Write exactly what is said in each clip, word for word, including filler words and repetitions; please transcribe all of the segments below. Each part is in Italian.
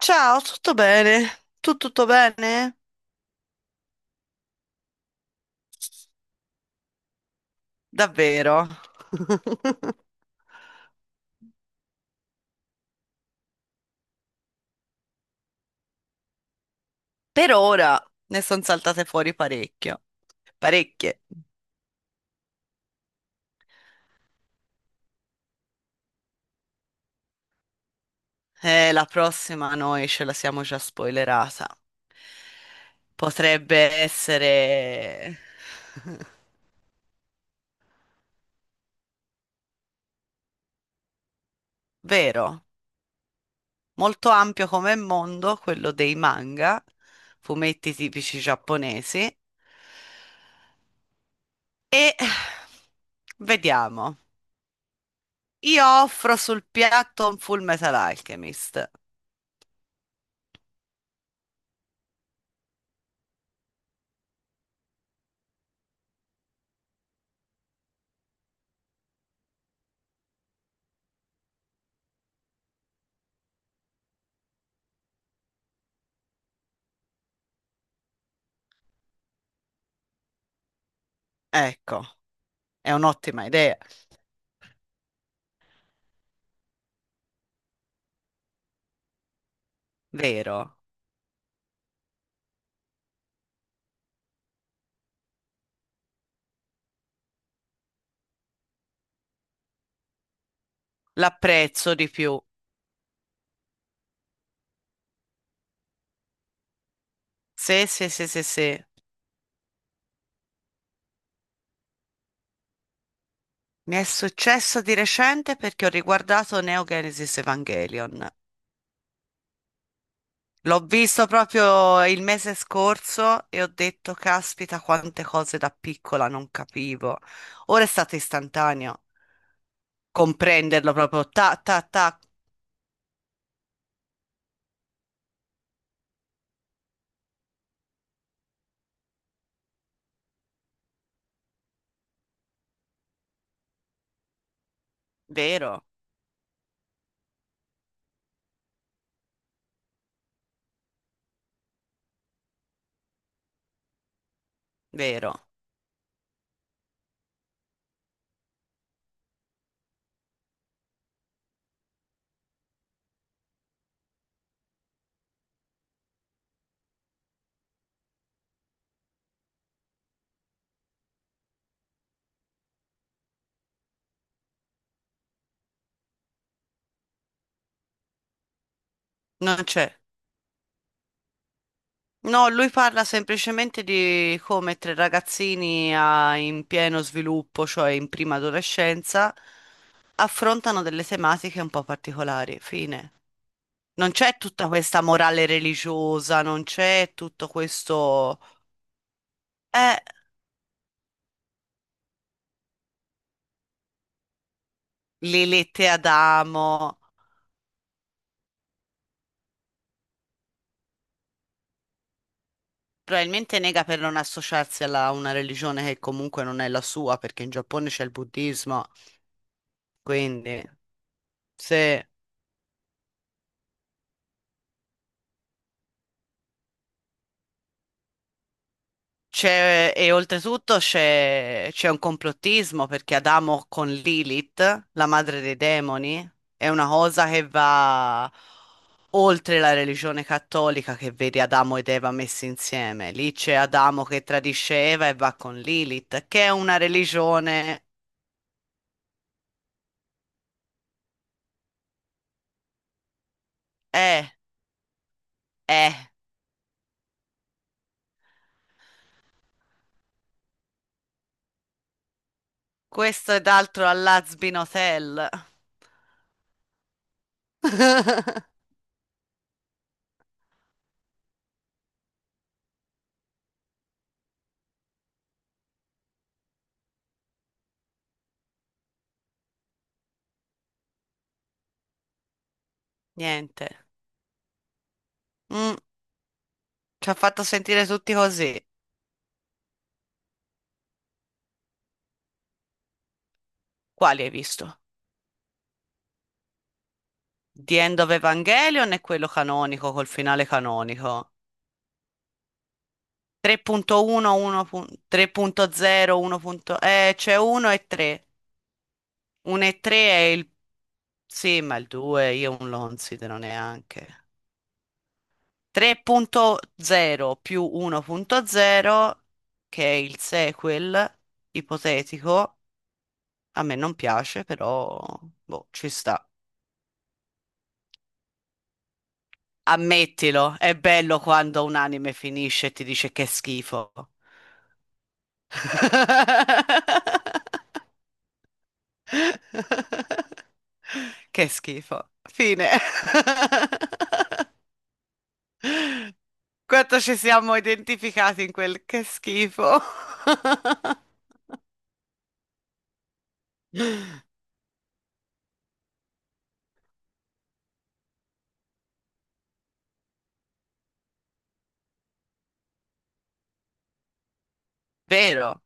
Ciao, tutto bene? Tu tutto bene? Davvero? Per ora ne sono saltate fuori parecchio. Parecchie. Eh, la prossima noi ce la siamo già spoilerata. Potrebbe essere vero, molto ampio come mondo quello dei manga, fumetti tipici giapponesi. E vediamo. Io offro sul piatto un Full Metal Alchemist. Ecco, è un'ottima idea, vero? L'apprezzo di più. Sì, sì, sì, sì, sì. Mi è successo di recente perché ho riguardato Neo Genesis Evangelion. L'ho visto proprio il mese scorso e ho detto, caspita, quante cose da piccola non capivo. Ora è stato istantaneo comprenderlo proprio. Ta, ta, ta. Vero, vero. Non c'è. No, lui parla semplicemente di come tre ragazzini a- in pieno sviluppo, cioè in prima adolescenza, affrontano delle tematiche un po' particolari. Fine. Non c'è tutta questa morale religiosa, non c'è tutto questo. Eh, le lette ad Adamo. Probabilmente nega per non associarsi alla- a una religione che comunque non è la sua, perché in Giappone c'è il buddismo, quindi. Sì. C'è, e oltretutto c'è c'è un complottismo perché Adamo con Lilith, la madre dei demoni, è una cosa che va oltre la religione cattolica che vede Adamo ed Eva messi insieme. Lì c'è Adamo che tradisce Eva e va con Lilith, che è una religione. Eh, eh, Questo ed altro all'Azbin Hotel. Niente. Mm, Ci ha fatto sentire tutti così. Quali hai visto? The End of Evangelion è quello canonico, col finale canonico. tre punto uno, uno pun- tre punto zero, uno. punto- Eh, c'è uno e tre. uno e tre è il. Sì, ma il due io non lo considero neanche. tre punto zero più uno punto zero, che è il sequel ipotetico, a me non piace, però boh, ci sta. Ammettilo, è bello quando un anime finisce e ti dice che è schifo. Che schifo. Fine. Quanto ci siamo identificati in quel che schifo. Vero,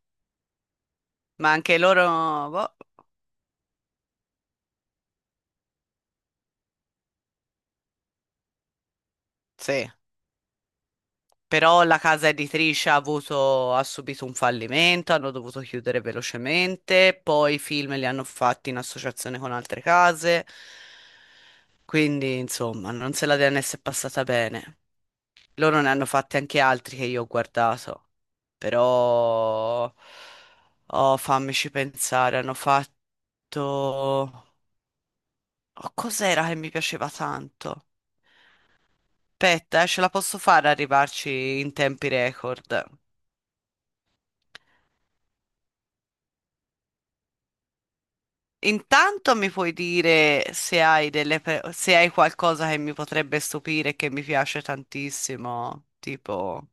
ma anche loro, boh, sì. Però la casa editrice ha avuto, ha subito un fallimento, hanno dovuto chiudere velocemente, poi i film li hanno fatti in associazione con altre case, quindi insomma non se la D N S è passata bene. Loro ne hanno fatti anche altri che io ho guardato, però. Oh, fammici pensare, hanno fatto. Oh, cos'era che mi piaceva tanto? Aspetta, eh, ce la posso fare ad arrivarci in tempi record. Intanto mi puoi dire se hai delle pe- se hai qualcosa che mi potrebbe stupire e che mi piace tantissimo, tipo.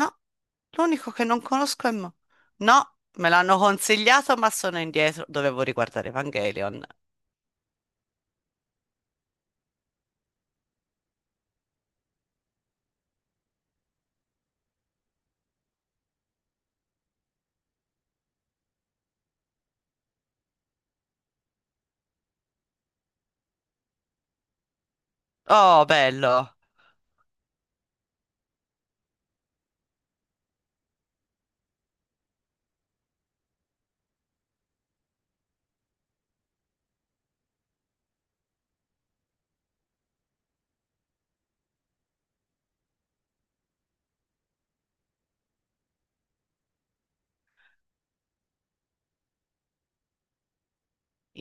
No, l'unico che non conosco è Mo. No, me l'hanno consigliato, ma sono indietro. Dovevo riguardare Evangelion. Oh, bello.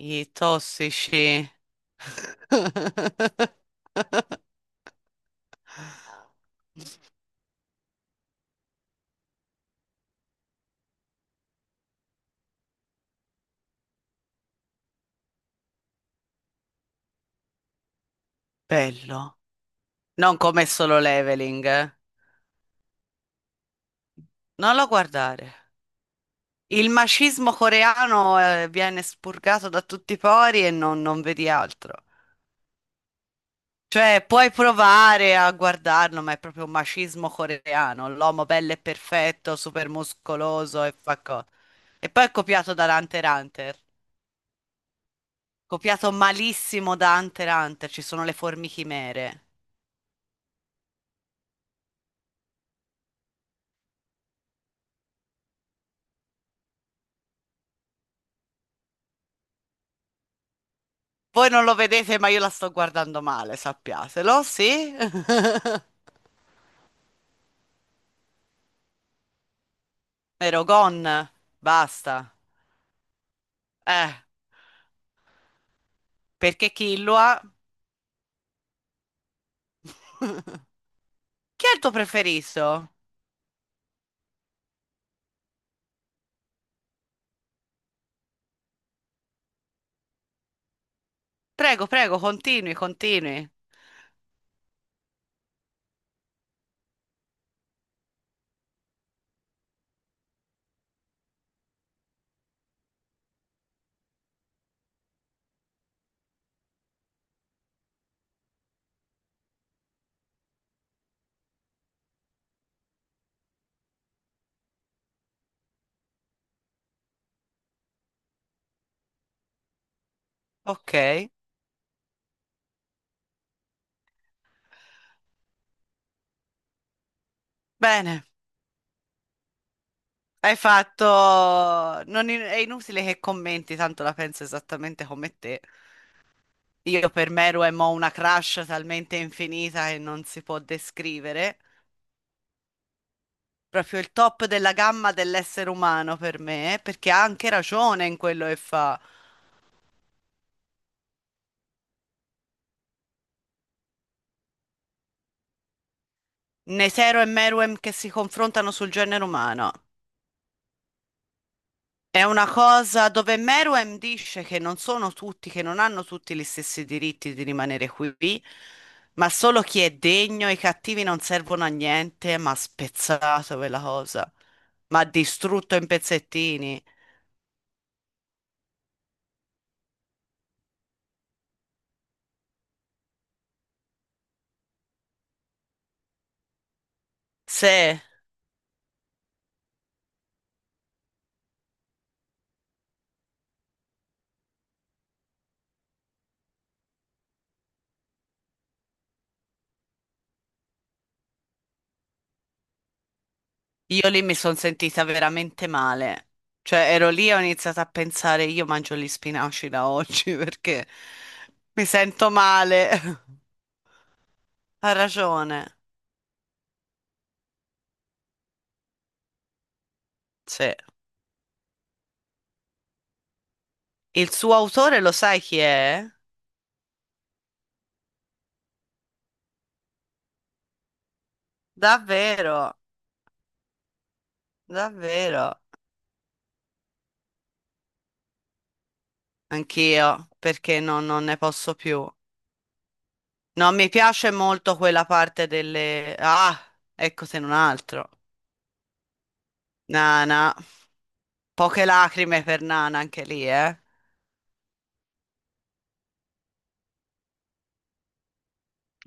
I tossici. Bello. Non come solo leveling, eh. Non lo guardare. Il macismo coreano, eh, viene spurgato da tutti i pori e non, non vedi altro. Cioè, puoi provare a guardarlo, ma è proprio un macismo coreano, l'uomo bello e perfetto, super muscoloso e fa co- E poi è copiato da Hunter x Hunter, copiato malissimo da Hunter x Hunter, ci sono le formichimere. Voi non lo vedete, ma io la sto guardando male, sappiatelo, sì? Erogon, basta. Eh, perché chi lo ha? Chi è il tuo preferito? Prego, prego, continui, continui. Ok, bene. Hai fatto. Non in- È inutile che commenti, tanto la penso esattamente come te. Io per Meru e Mo una crush talmente infinita che non si può descrivere. Proprio il top della gamma dell'essere umano per me, perché ha anche ragione in quello che fa. Nesero e Meruem che si confrontano sul genere umano. È una cosa dove Meruem dice che non sono tutti, che non hanno tutti gli stessi diritti di rimanere qui, ma solo chi è degno, i cattivi non servono a niente, ma ha spezzato quella cosa, ma ha distrutto in pezzettini. Se io lì mi sono sentita veramente male, cioè ero lì e ho iniziato a pensare, io mangio gli spinaci da oggi perché mi sento male. Ha ragione. Sì. Il suo autore lo sai chi è? Davvero, davvero, anch'io, perché no- non ne posso più. No, mi piace molto quella parte delle. Ah, ecco se non altro. Nana, poche lacrime per Nana anche lì, eh.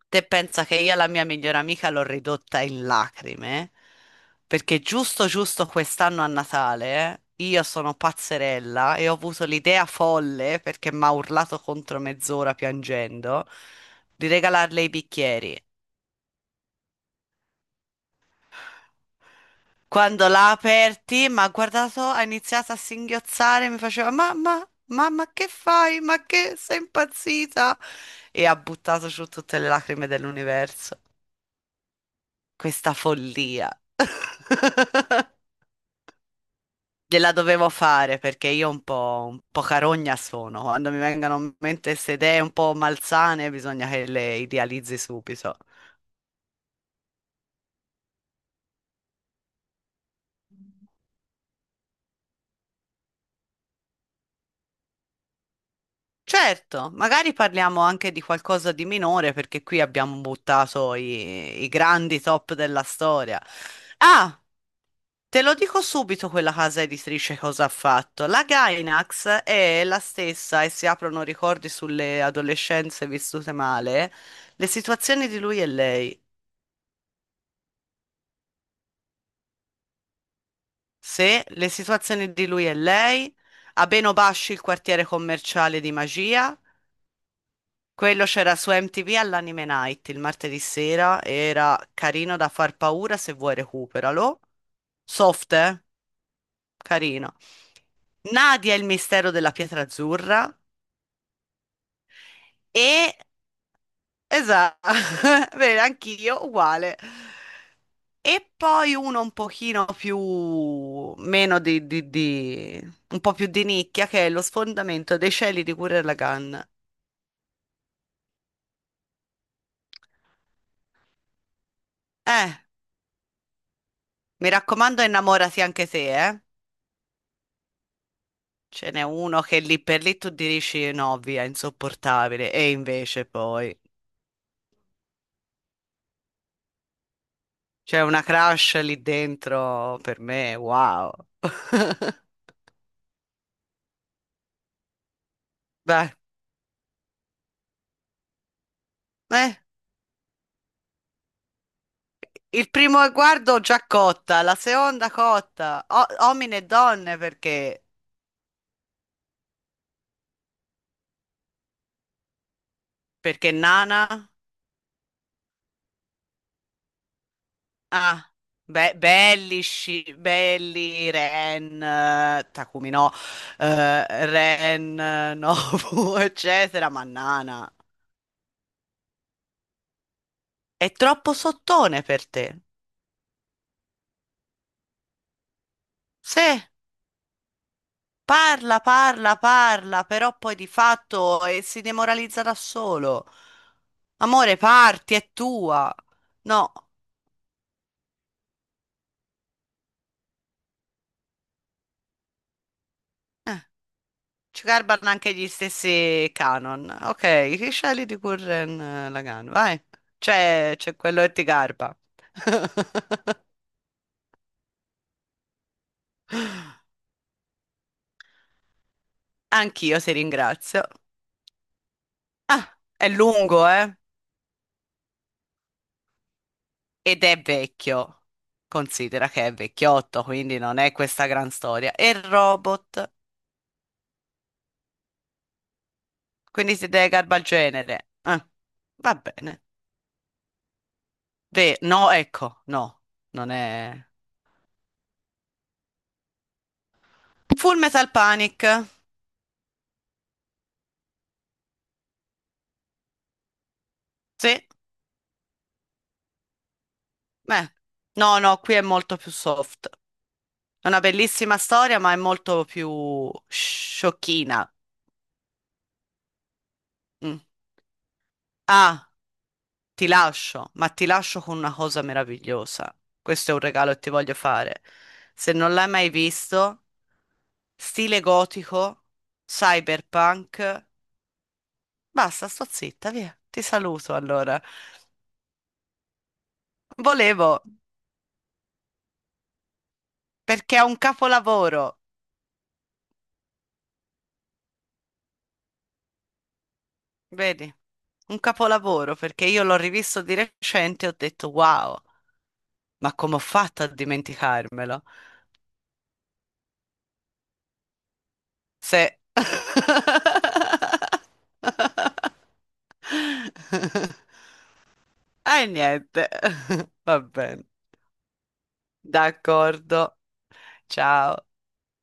Te pensa che io la mia migliore amica l'ho ridotta in lacrime? Perché giusto giusto quest'anno a Natale eh, io sono pazzerella e ho avuto l'idea folle perché mi ha urlato contro mezz'ora piangendo di regalarle i bicchieri. Quando l'ha aperti, mi ha guardato, ha iniziato a singhiozzare, mi faceva mamma, mamma, che fai? Ma che sei impazzita? E ha buttato giù tutte le lacrime dell'universo. Questa follia. Gliela dovevo fare perché io un po', un po' carogna sono. Quando mi vengono in mente queste idee un po' malsane, bisogna che le idealizzi subito. Certo, magari parliamo anche di qualcosa di minore perché qui abbiamo buttato i, i grandi top della storia. Ah, te lo dico subito quella casa editrice cosa ha fatto. La Gainax è la stessa e si aprono ricordi sulle adolescenze vissute male, le situazioni di lui e lei. Se le situazioni di lui e lei, Abeno Basci il quartiere commerciale di magia. Quello c'era su M T V all'Anime Night il martedì sera, era carino da far paura, se vuoi recuperalo. Soft, eh? Carino. Nadia e il mistero della pietra azzurra e. Esatto, bene, anch'io uguale. E poi uno un pochino più. Meno di, di- di- un po' più di nicchia, che è lo sfondamento dei cieli di Gurren Lagann. Eh, Mi raccomando, innamorati anche te, eh? Ce n'è uno che lì per lì tu dici no, via, insopportabile. E invece poi c'è una crush lì dentro per me, wow. Beh, eh, il primo guardo già cotta, la seconda cotta, O- uomini e donne perché? Perché Nana? Ah, be- belli, Sci- belli, Ren, eh, Takumi no, eh, Ren, eh, Nobu, eccetera, ma Nana. È troppo sottone per te. Se parla, parla, parla, però poi di fatto eh, si demoralizza da solo. Amore, parti, è tua. No, ci garbano anche gli stessi canon. Ok, chi scegli di Gurren eh, Lagann? Vai. C'è c'è quello che ti garba. Anch'io ti ringrazio. Ah, è lungo, eh? Ed è vecchio. Considera che è vecchiotto, quindi non è questa gran storia. E il robot? Quindi siete Garbagenere. Eh, va bene. Re, no, ecco, no, non è. Full Metal Panic. Sì, beh. No, no, qui è molto più soft. È una bellissima storia, ma è molto più sciocchina. Mm. Ah, ti lascio, ma ti lascio con una cosa meravigliosa. Questo è un regalo che ti voglio fare. Se non l'hai mai visto, stile gotico, cyberpunk. Basta, sto zitta, via. Ti saluto allora. Volevo, perché è un capolavoro, vedi? Un capolavoro, perché io l'ho rivisto di recente e ho detto, wow, ma come ho fatto a dimenticarmelo? Se. E niente, va bene, d'accordo, ciao.